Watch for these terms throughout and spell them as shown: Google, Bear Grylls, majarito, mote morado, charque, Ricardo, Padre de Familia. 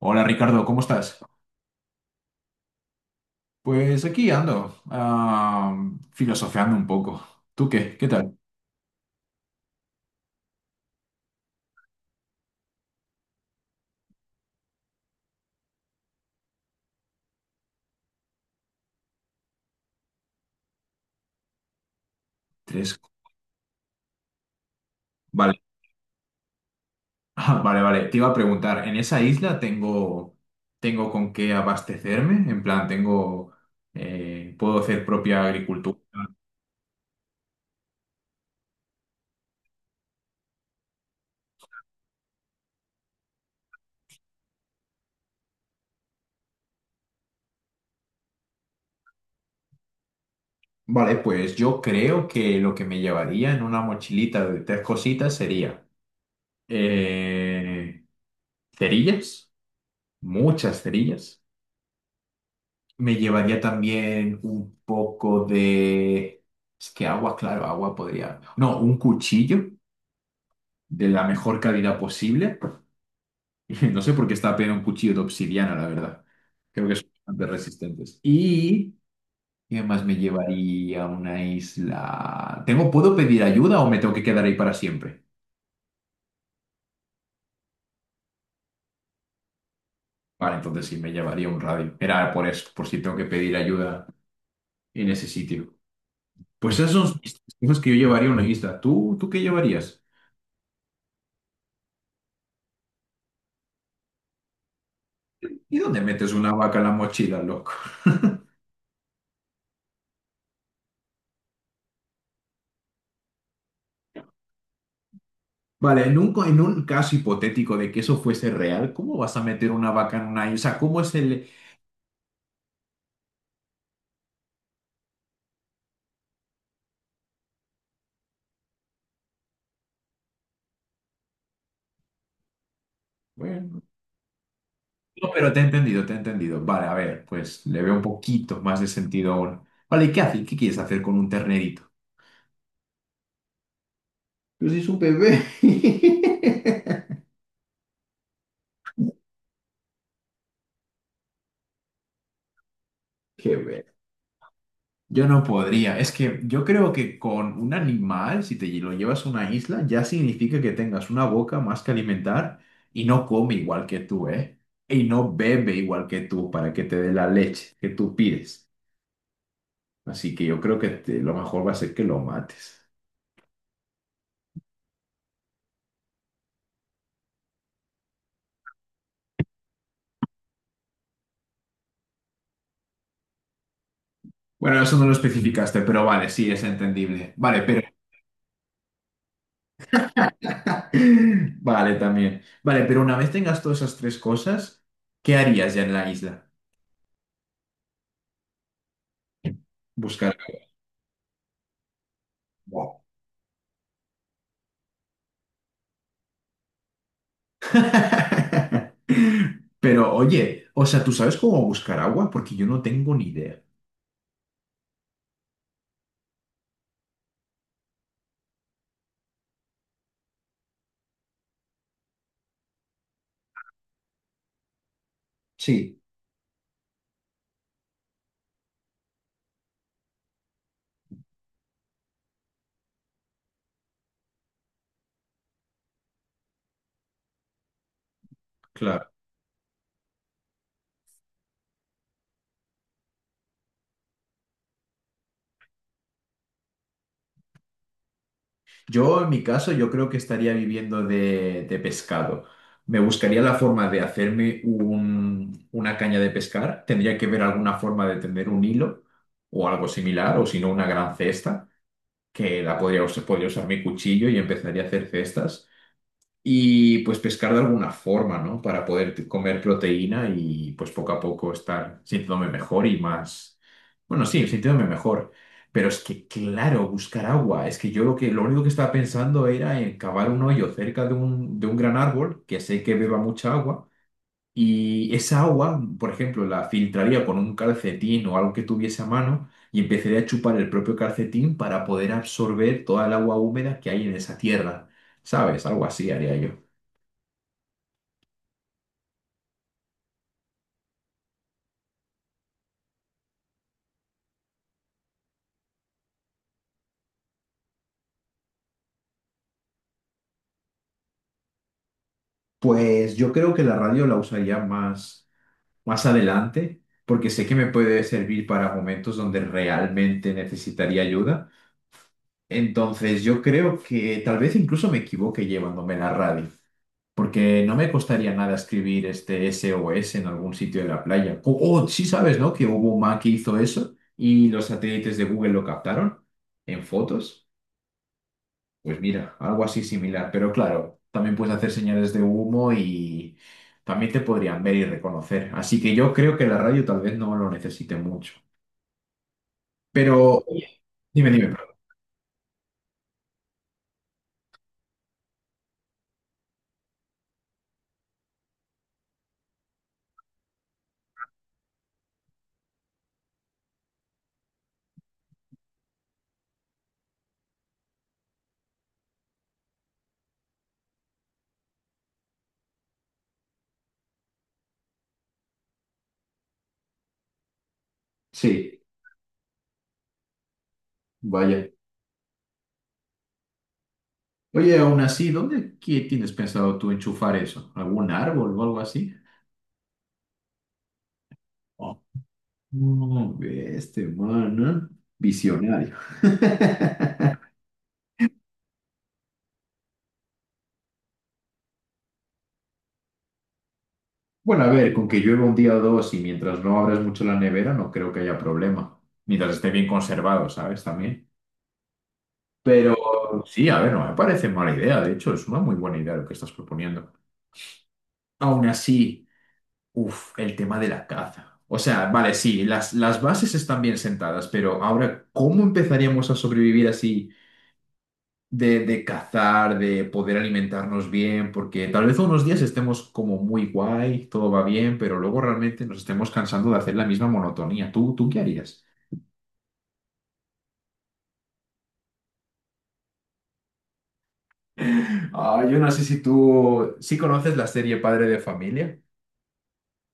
Hola Ricardo, ¿cómo estás? Pues aquí ando, filosofeando un poco. ¿Tú qué? ¿Qué tal? Tres. Vale. Ah, vale, vale. Te iba a preguntar, ¿en esa isla tengo con qué abastecerme? En plan, tengo, ¿puedo hacer propia agricultura? Vale, pues yo creo que lo que me llevaría en una mochilita de tres cositas sería eh, cerillas, muchas cerillas. Me llevaría también un poco de... Es que agua, claro, agua podría... No, un cuchillo de la mejor calidad posible. No sé por qué estaba pidiendo un cuchillo de obsidiana, la verdad. Creo que son bastante resistentes. Y... ¿Qué más me llevaría a una isla? ¿Tengo, puedo pedir ayuda o me tengo que quedar ahí para siempre? Vale, entonces sí, me llevaría un radio. Era por eso, por si tengo que pedir ayuda en ese sitio. Pues esas son mis cosas que yo llevaría a una isla. ¿Tú qué llevarías? ¿Y dónde metes una vaca en la mochila, loco? Vale, en en un caso hipotético de que eso fuese real, ¿cómo vas a meter una vaca en una... O sea, ¿cómo es el... Bueno, no, pero te he entendido. Vale, a ver, pues le veo un poquito más de sentido ahora. Vale, ¿y qué haces? ¿Qué quieres hacer con un ternerito? Pues es un bebé. Qué ver. Yo no podría. Es que yo creo que con un animal, si te lo llevas a una isla, ya significa que tengas una boca más que alimentar y no come igual que tú, ¿eh? Y no bebe igual que tú para que te dé la leche que tú pides. Así que yo creo que lo mejor va a ser que lo mates. Bueno, eso no lo especificaste, pero vale, sí, es entendible. Vale, pero... Vale, también. Vale, pero una vez tengas todas esas tres cosas, ¿qué harías ya en la isla? Buscar... agua. Pero oye, o sea, ¿tú sabes cómo buscar agua? Porque yo no tengo ni idea. Sí, claro. Yo, en mi caso, yo creo que estaría viviendo de pescado. Me buscaría la forma de hacerme una caña de pescar. Tendría que ver alguna forma de tener un hilo o algo similar, o si no, una gran cesta, que la podría usar mi cuchillo y empezaría a hacer cestas. Y pues pescar de alguna forma, ¿no? Para poder comer proteína y pues poco a poco estar sintiéndome mejor y más, bueno, sí, sintiéndome mejor. Pero es que, claro, buscar agua. Es que yo lo único que estaba pensando era en cavar un hoyo cerca de un gran árbol, que sé que beba mucha agua, y esa agua, por ejemplo, la filtraría con un calcetín o algo que tuviese a mano y empezaría a chupar el propio calcetín para poder absorber toda el agua húmeda que hay en esa tierra. ¿Sabes? Algo así haría yo. Pues yo creo que la radio la usaría más, más adelante, porque sé que me puede servir para momentos donde realmente necesitaría ayuda. Entonces yo creo que tal vez incluso me equivoque llevándome la radio, porque no me costaría nada escribir este SOS en algún sitio de la playa. O sí sabes, ¿no? Que hubo un man que hizo eso y los satélites de Google lo captaron en fotos. Pues mira, algo así similar, pero claro, también puedes hacer señales de humo y también te podrían ver y reconocer. Así que yo creo que la radio tal vez no lo necesite mucho. Pero, oye, dime, dime, perdón. Sí, vaya. Oye, aún así, ¿dónde qué tienes pensado tú enchufar eso? ¿Algún árbol o algo así? Oh, no, ve este man, ¿eh? Visionario. Bueno, a ver, con que llueva un día o dos y mientras no abras mucho la nevera, no creo que haya problema. Mientras esté bien conservado, ¿sabes? También. Pero sí, a ver, no me parece mala idea. De hecho, es una muy buena idea lo que estás proponiendo. Aún así, uff, el tema de la caza. O sea, vale, sí, las bases están bien sentadas, pero ahora, ¿cómo empezaríamos a sobrevivir así? De cazar, de poder alimentarnos bien, porque tal vez unos días estemos como muy guay, todo va bien, pero luego realmente nos estemos cansando de hacer la misma monotonía. ¿Tú qué harías? Ah, yo no sé si tú sí conoces la serie Padre de Familia.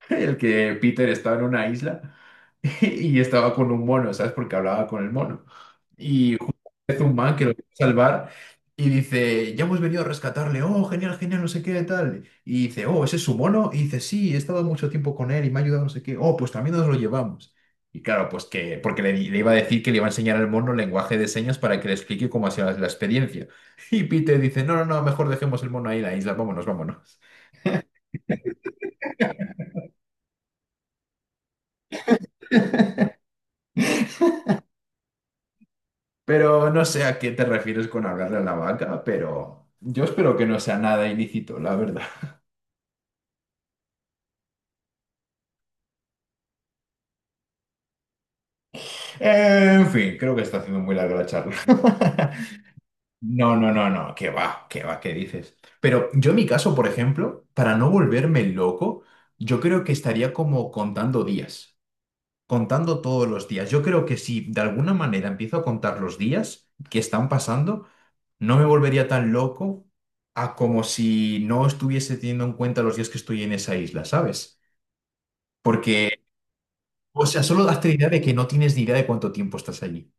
El que Peter estaba en una isla y estaba con un mono, ¿sabes? Porque hablaba con el mono. Y justo es un man que lo quiere salvar y dice, ya hemos venido a rescatarle, oh, genial, genial, no sé qué, tal. Y dice, oh, ¿ese es su mono? Y dice, sí, he estado mucho tiempo con él y me ha ayudado, no sé qué, oh, pues también nos lo llevamos. Y claro, pues que, le iba a decir que le iba a enseñar al mono lenguaje de señas para que le explique cómo ha sido la experiencia. Y Peter dice, no, no, no, mejor dejemos el mono ahí en la isla, vámonos, vámonos. Pero no sé a qué te refieres con hablarle a la vaca, pero yo espero que no sea nada ilícito, la verdad. En fin, creo que está haciendo muy larga la charla. No, no, no, no, qué va, qué va, qué dices. Pero yo en mi caso, por ejemplo, para no volverme loco, yo creo que estaría como contando días, contando todos los días. Yo creo que si de alguna manera empiezo a contar los días que están pasando, no me volvería tan loco a como si no estuviese teniendo en cuenta los días que estoy en esa isla, ¿sabes? Porque, o sea, solo hazte la idea de que no tienes ni idea de cuánto tiempo estás allí.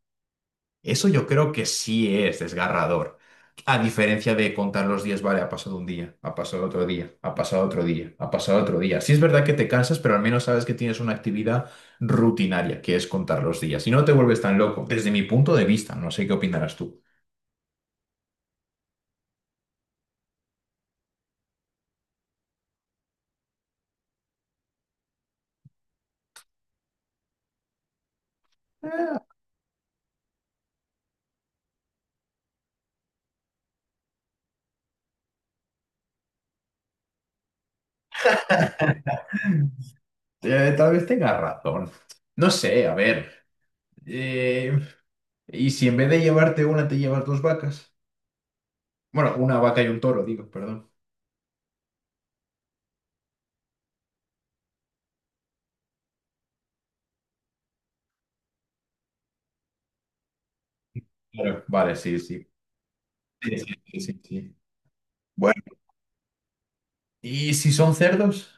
Eso yo creo que sí es desgarrador. A diferencia de contar los días, vale, ha pasado un día, ha pasado otro día, ha pasado otro día, ha pasado otro día. Sí es verdad que te cansas, pero al menos sabes que tienes una actividad rutinaria, que es contar los días. Y no te vuelves tan loco, desde mi punto de vista, no sé qué opinarás tú. Tal vez tenga razón. No sé, a ver. eh, ¿Y si en vez de llevarte una, te llevas dos vacas? Bueno, una vaca y un toro, digo, perdón. Claro. Vale, sí, sí. Sí, sí, sí, sí, sí. Bueno, ¿y si son cerdos?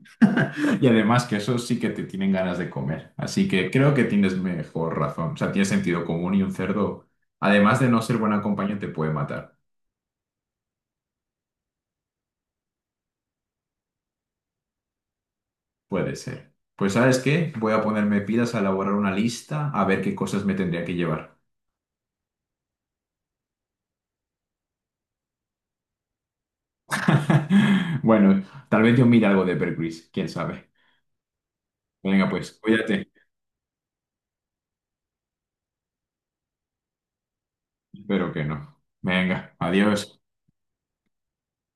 Y además que esos sí que te tienen ganas de comer. Así que creo que tienes mejor razón. O sea, tiene sentido común y un cerdo, además de no ser buena compañía, te puede matar. Puede ser. Pues ¿sabes qué? Voy a ponerme pilas a elaborar una lista a ver qué cosas me tendría que llevar. Bueno, tal vez yo mire algo de Bear Grylls, quién sabe. Venga, pues, cuídate. Espero que no. Venga, adiós.